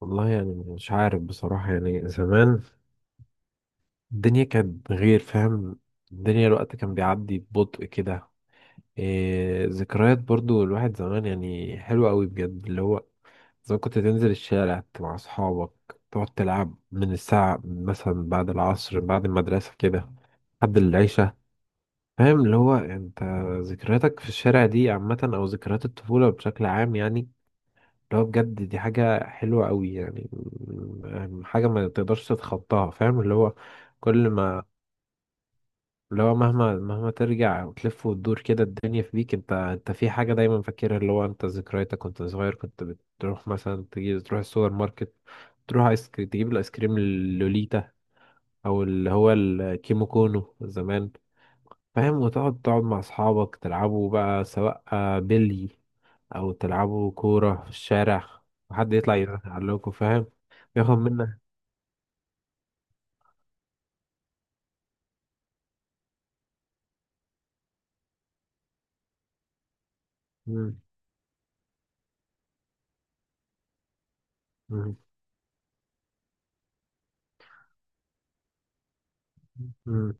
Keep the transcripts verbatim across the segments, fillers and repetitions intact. والله يعني مش عارف بصراحة يعني زمان الدنيا كانت غير فاهم. الدنيا الوقت كان بيعدي ببطء كده. إيه ذكريات برضو الواحد زمان يعني حلوة قوي بجد اللي هو زمان كنت تنزل الشارع مع أصحابك تقعد تلعب من الساعة مثلا بعد العصر بعد المدرسة كده لحد العشاء. فاهم اللي هو انت ذكرياتك في الشارع دي عامة أو ذكريات الطفولة بشكل عام يعني. اللي هو بجد دي حاجة حلوة قوي يعني م- حاجة ما تقدرش تتخطاها فاهم اللي هو. كل ما اللي هو مهما مهما ترجع وتلف وتدور كده الدنيا في بيك انت انت في حاجة دايما فاكرها اللي هو انت ذكرياتك وانت صغير كنت بتروح مثلا تجي تروح السوبر ماركت. تروح ايس كريم تجيب الايس كريم اللوليتا او اللي هو الكيمو كونو زمان. فاهم وتقعد تقعد مع أصحابك تلعبوا بقى سواء آه، بلي أو تلعبوا كورة في الشارع. وحد يطلع يعلقكوا فاهم. بياخد منك. مم. مم. مم.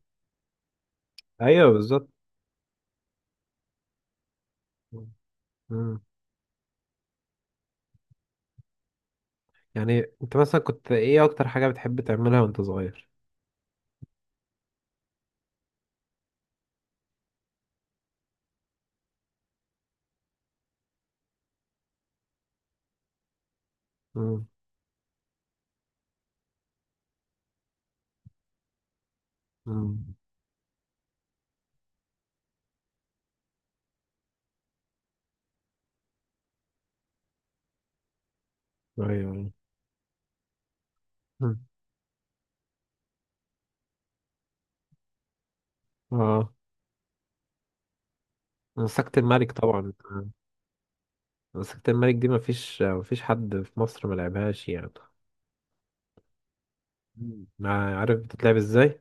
أيوه بالظبط. مم. يعني أنت مثلا كنت إيه أكتر حاجة بتحب تعملها وأنت صغير؟ مم. مم. أيوه أيوه. مم. أه. مسكت الملك طبعا آه، مسكت الملك دي مفيش مفيش حد في مصر ملعبهاش يعني. مم. عارف بتتلعب إزاي؟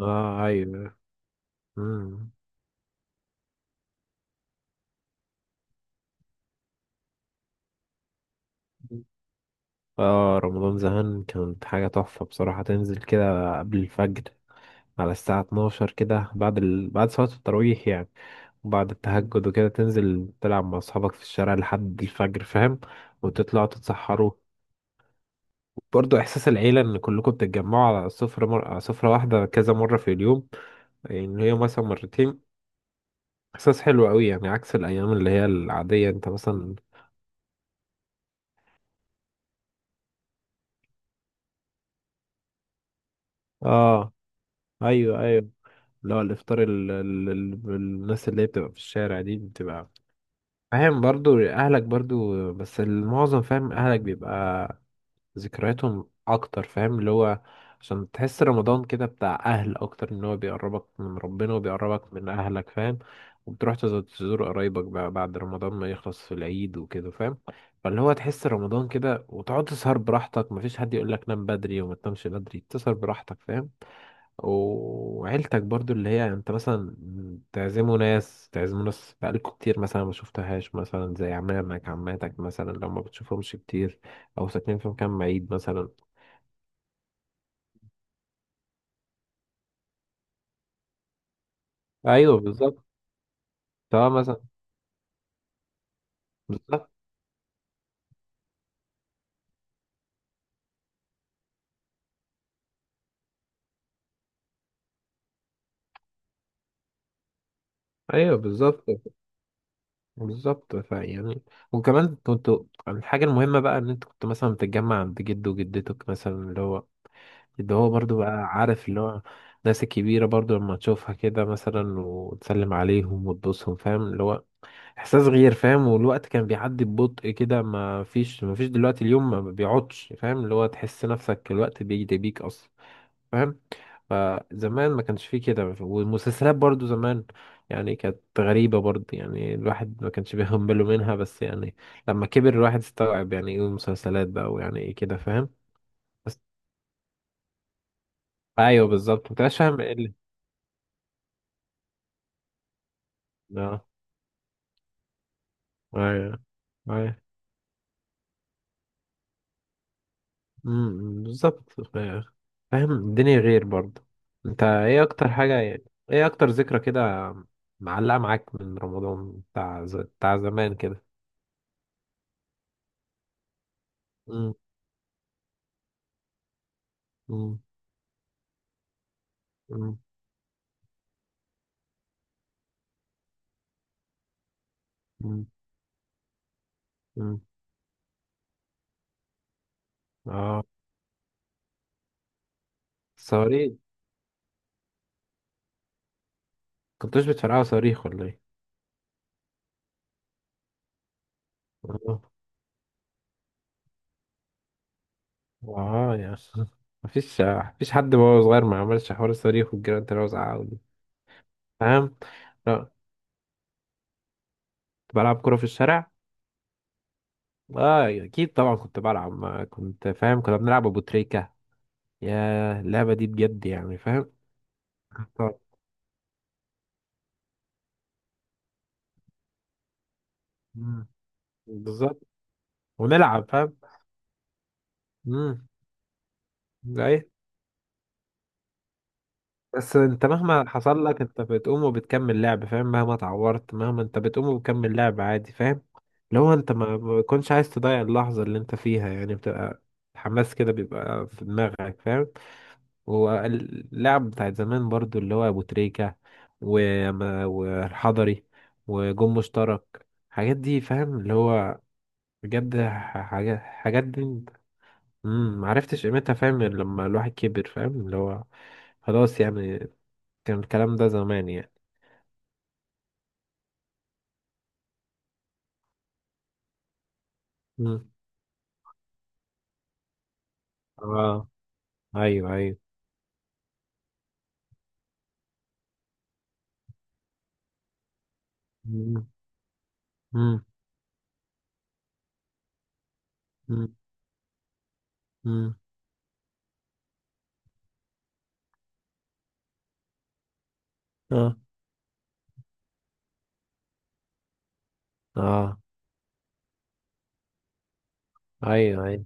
اه ايوه. مم. اه رمضان زمان كانت حاجة تحفة بصراحة تنزل كده قبل الفجر على الساعة اتناشر كده بعد ال... بعد صلاة التراويح يعني. وبعد التهجد وكده تنزل تلعب مع أصحابك في الشارع لحد الفجر فاهم. وتطلعوا تتسحروا. برضه إحساس العيلة إن كلكم بتتجمعوا على سفرة مر... على سفرة واحدة كذا مرة في اليوم يعني هي مثلا مرتين. إحساس حلو أوي يعني عكس الأيام اللي هي العادية أنت مثلا آه ايوه ايوه. اللي هو الافطار ال... ال... ال- الناس اللي هي بتبقى في الشارع دي بتبقى فاهم برضو اهلك برضو بس المعظم فاهم اهلك بيبقى ذكرياتهم اكتر فاهم اللي هو. عشان تحس رمضان كده بتاع اهل اكتر ان هو بيقربك من ربنا وبيقربك من اهلك فاهم. وبتروح تز- تزور قرايبك بقى بعد رمضان ما يخلص في العيد وكده فاهم. فاللي هو تحس رمضان كده وتقعد تسهر براحتك مفيش حد يقولك نام بدري وما تنامش بدري تسهر براحتك فاهم. وعيلتك برضو اللي هي انت مثلا تعزموا ناس تعزموا ناس بقالكوا كتير مثلا ما شفتهاش مثلا زي عمامك عماتك مثلا لو ما بتشوفهمش كتير او ساكنين في مكان بعيد مثلا. ايوه بالظبط. سواء مثلا بالظبط ايوه بالظبط. بالظبط فيعني. وكمان كنتوا الحاجة المهمة بقى ان انت كنت مثلا بتتجمع عند جد وجدتك مثلا اللي هو اللي هو برضو بقى عارف اللي هو الناس الكبيرة برضو لما تشوفها كده مثلا وتسلم عليهم وتبوسهم فاهم اللي هو احساس غير فاهم والوقت كان بيعدي ببطء كده ما فيش ما فيش دلوقتي اليوم ما بيقعدش فاهم اللي هو تحس نفسك الوقت بيجري بيك اصلا فاهم. فزمان ما كانش فيه كده والمسلسلات برضو زمان يعني كانت غريبة برضو يعني الواحد ما كانش بياخد باله منها بس يعني لما كبر الواحد استوعب يعني ايه المسلسلات بقى ويعني ايه كده فاهم بس. ايوه بالظبط ما كنتش فاهم ايه اللي. اه ايوه. أيوة. امم بالظبط ف- فاهم الدنيا غير برضه. انت ايه اكتر حاجة يعني ايه اكتر ذكرى كده معلقة معاك من رمضان بتاع ز... بتاع زمان كده. امم. امم. امم. امم. امم. اه صواريخ. كنتوش بتفرقعوا صواريخ ولا ايه؟ اه. اه يا اخي. مفيش مفيش حد وهو صغير ما عملش حوار الصواريخ والجيران تلاقوا زعقوا دي فاهم. لا كنت بلعب كورة في الشارع. اه اكيد طبعا كنت بلعب ما كنت فاهم كنا بنلعب ابو تريكة يا اللعبة دي بجد يعني فاهم. طب. مم. بالظبط ونلعب فاهم. امم. اي. بس انت مهما حصل لك انت بتقوم وبتكمل لعب فاهم مهما اتعورت مهما انت بتقوم وبتكمل لعب عادي فاهم. لو انت ما ما بتكونش عايز تضيع اللحظة اللي انت فيها يعني بتبقى الحماس كده بيبقى في دماغك فاهم. واللعب بتاعت زمان برضو اللي هو ابو تريكة وما- والحضري وجون مشترك الحاجات دي فاهم اللي هو بجد ح- حاجات حاجات دي. امم معرفتش قيمتها فاهم غير لما الواحد كبر فاهم اللي هو خلاص يعني كان الكلام ده زمان يعني. امم. اه ايوه ايوه. امم. امم. امم. اه. اه ايوه ايوه.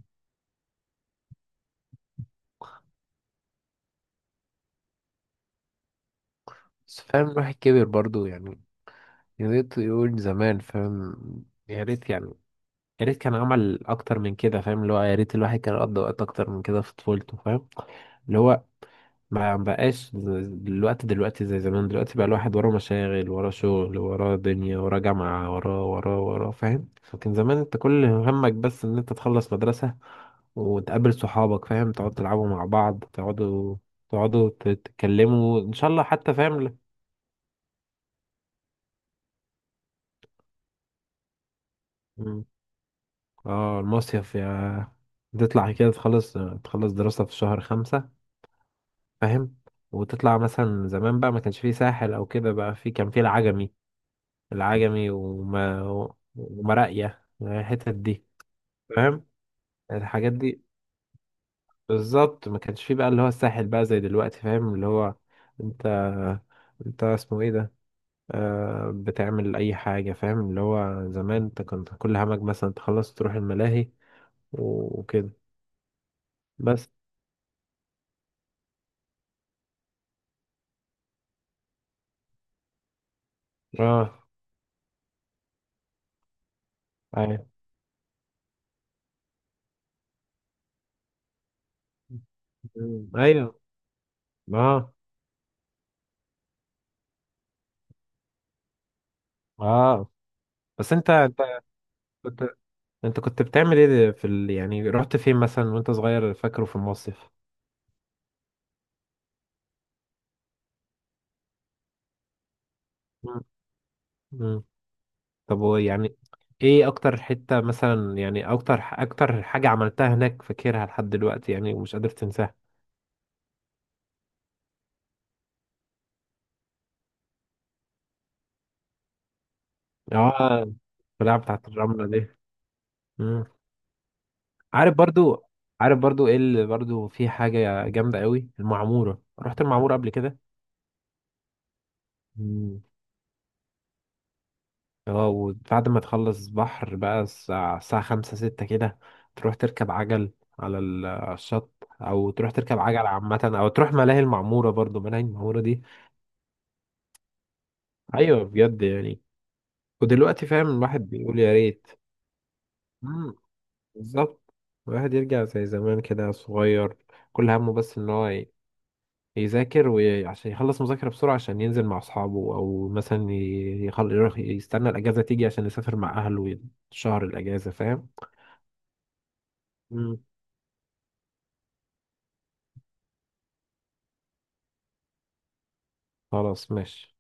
بس فاهم الواحد كبر برضو يعني يا ريت يقول زمان فاهم يا ريت يعني يا ريت كان عمل اكتر من كده فاهم اللي هو يا ريت الواحد كان قضى وقت اكتر من كده في طفولته فاهم اللي هو ما بقاش دلوقتي دلوقتي زي زمان دلوقتي بقى الواحد وراه مشاغل وراه شغل وراه دنيا وراه جامعة وراه وراه وراه فاهم فكان زمان انت كل همك بس ان انت تخلص مدرسة وتقابل صحابك فاهم تقعدوا تلعبوا مع بعض تقعدوا تقعدوا ت- تتكلموا ان شاء الله حتى فاهم ل- مم. اه المصيف يا تطلع كده تخلص تخلص دراسة في شهر خمسة فاهم. وتطلع مثلا زمان بقى ما كانش فيه ساحل او كده بقى في كان فيه العجمي العجمي وما ومراقية الحتت دي فاهم الحاجات دي. بالظبط ما كانش فيه بقى اللي هو الساحل بقى زي دلوقتي فاهم اللي هو انت انت اسمه ايه ده آه بتعمل اي حاجة فاهم اللي هو زمان انت كنت كل همك مثلا تخلص تروح الملاهي وكده بس. اه ايوه ايوه اه اه. بس انت انت كنت انت كنت بتعمل ايه في ال... يعني رحت فين مثلا وانت صغير فاكره في المصيف؟ مم. طب هو يعني ايه اكتر حتة مثلا يعني اكتر اكتر حاجة عملتها هناك فاكرها لحد دلوقتي يعني ومش قادر تنساها؟ اه القلاع بتاعت الرملة دي. مم. عارف برضو عارف برضو ايه اللي برضو في حاجة جامدة قوي المعمورة رحت المعمورة قبل كده. مم. اه وبعد ما تخلص بحر بقى الساعة الساعة خمسة ستة كده تروح تركب عجل على ال- على الشط او تروح تركب عجل عامة او تروح ملاهي المعمورة برضو ملاهي المعمورة دي. ايوه بجد يعني ودلوقتي فاهم الواحد بيقول يا ريت. مم، بالظبط. الواحد يرجع زي زمان كده صغير كل همه بس ان هو ي- يذاكر وعشان يخلص مذاكرة بسرعة عشان ينزل مع اصحابه او مثلا ي- يخل... يروح يستنى الاجازة تيجي عشان يسافر مع اهله شهر الاجازة فاهم. مم، خلاص ماشي.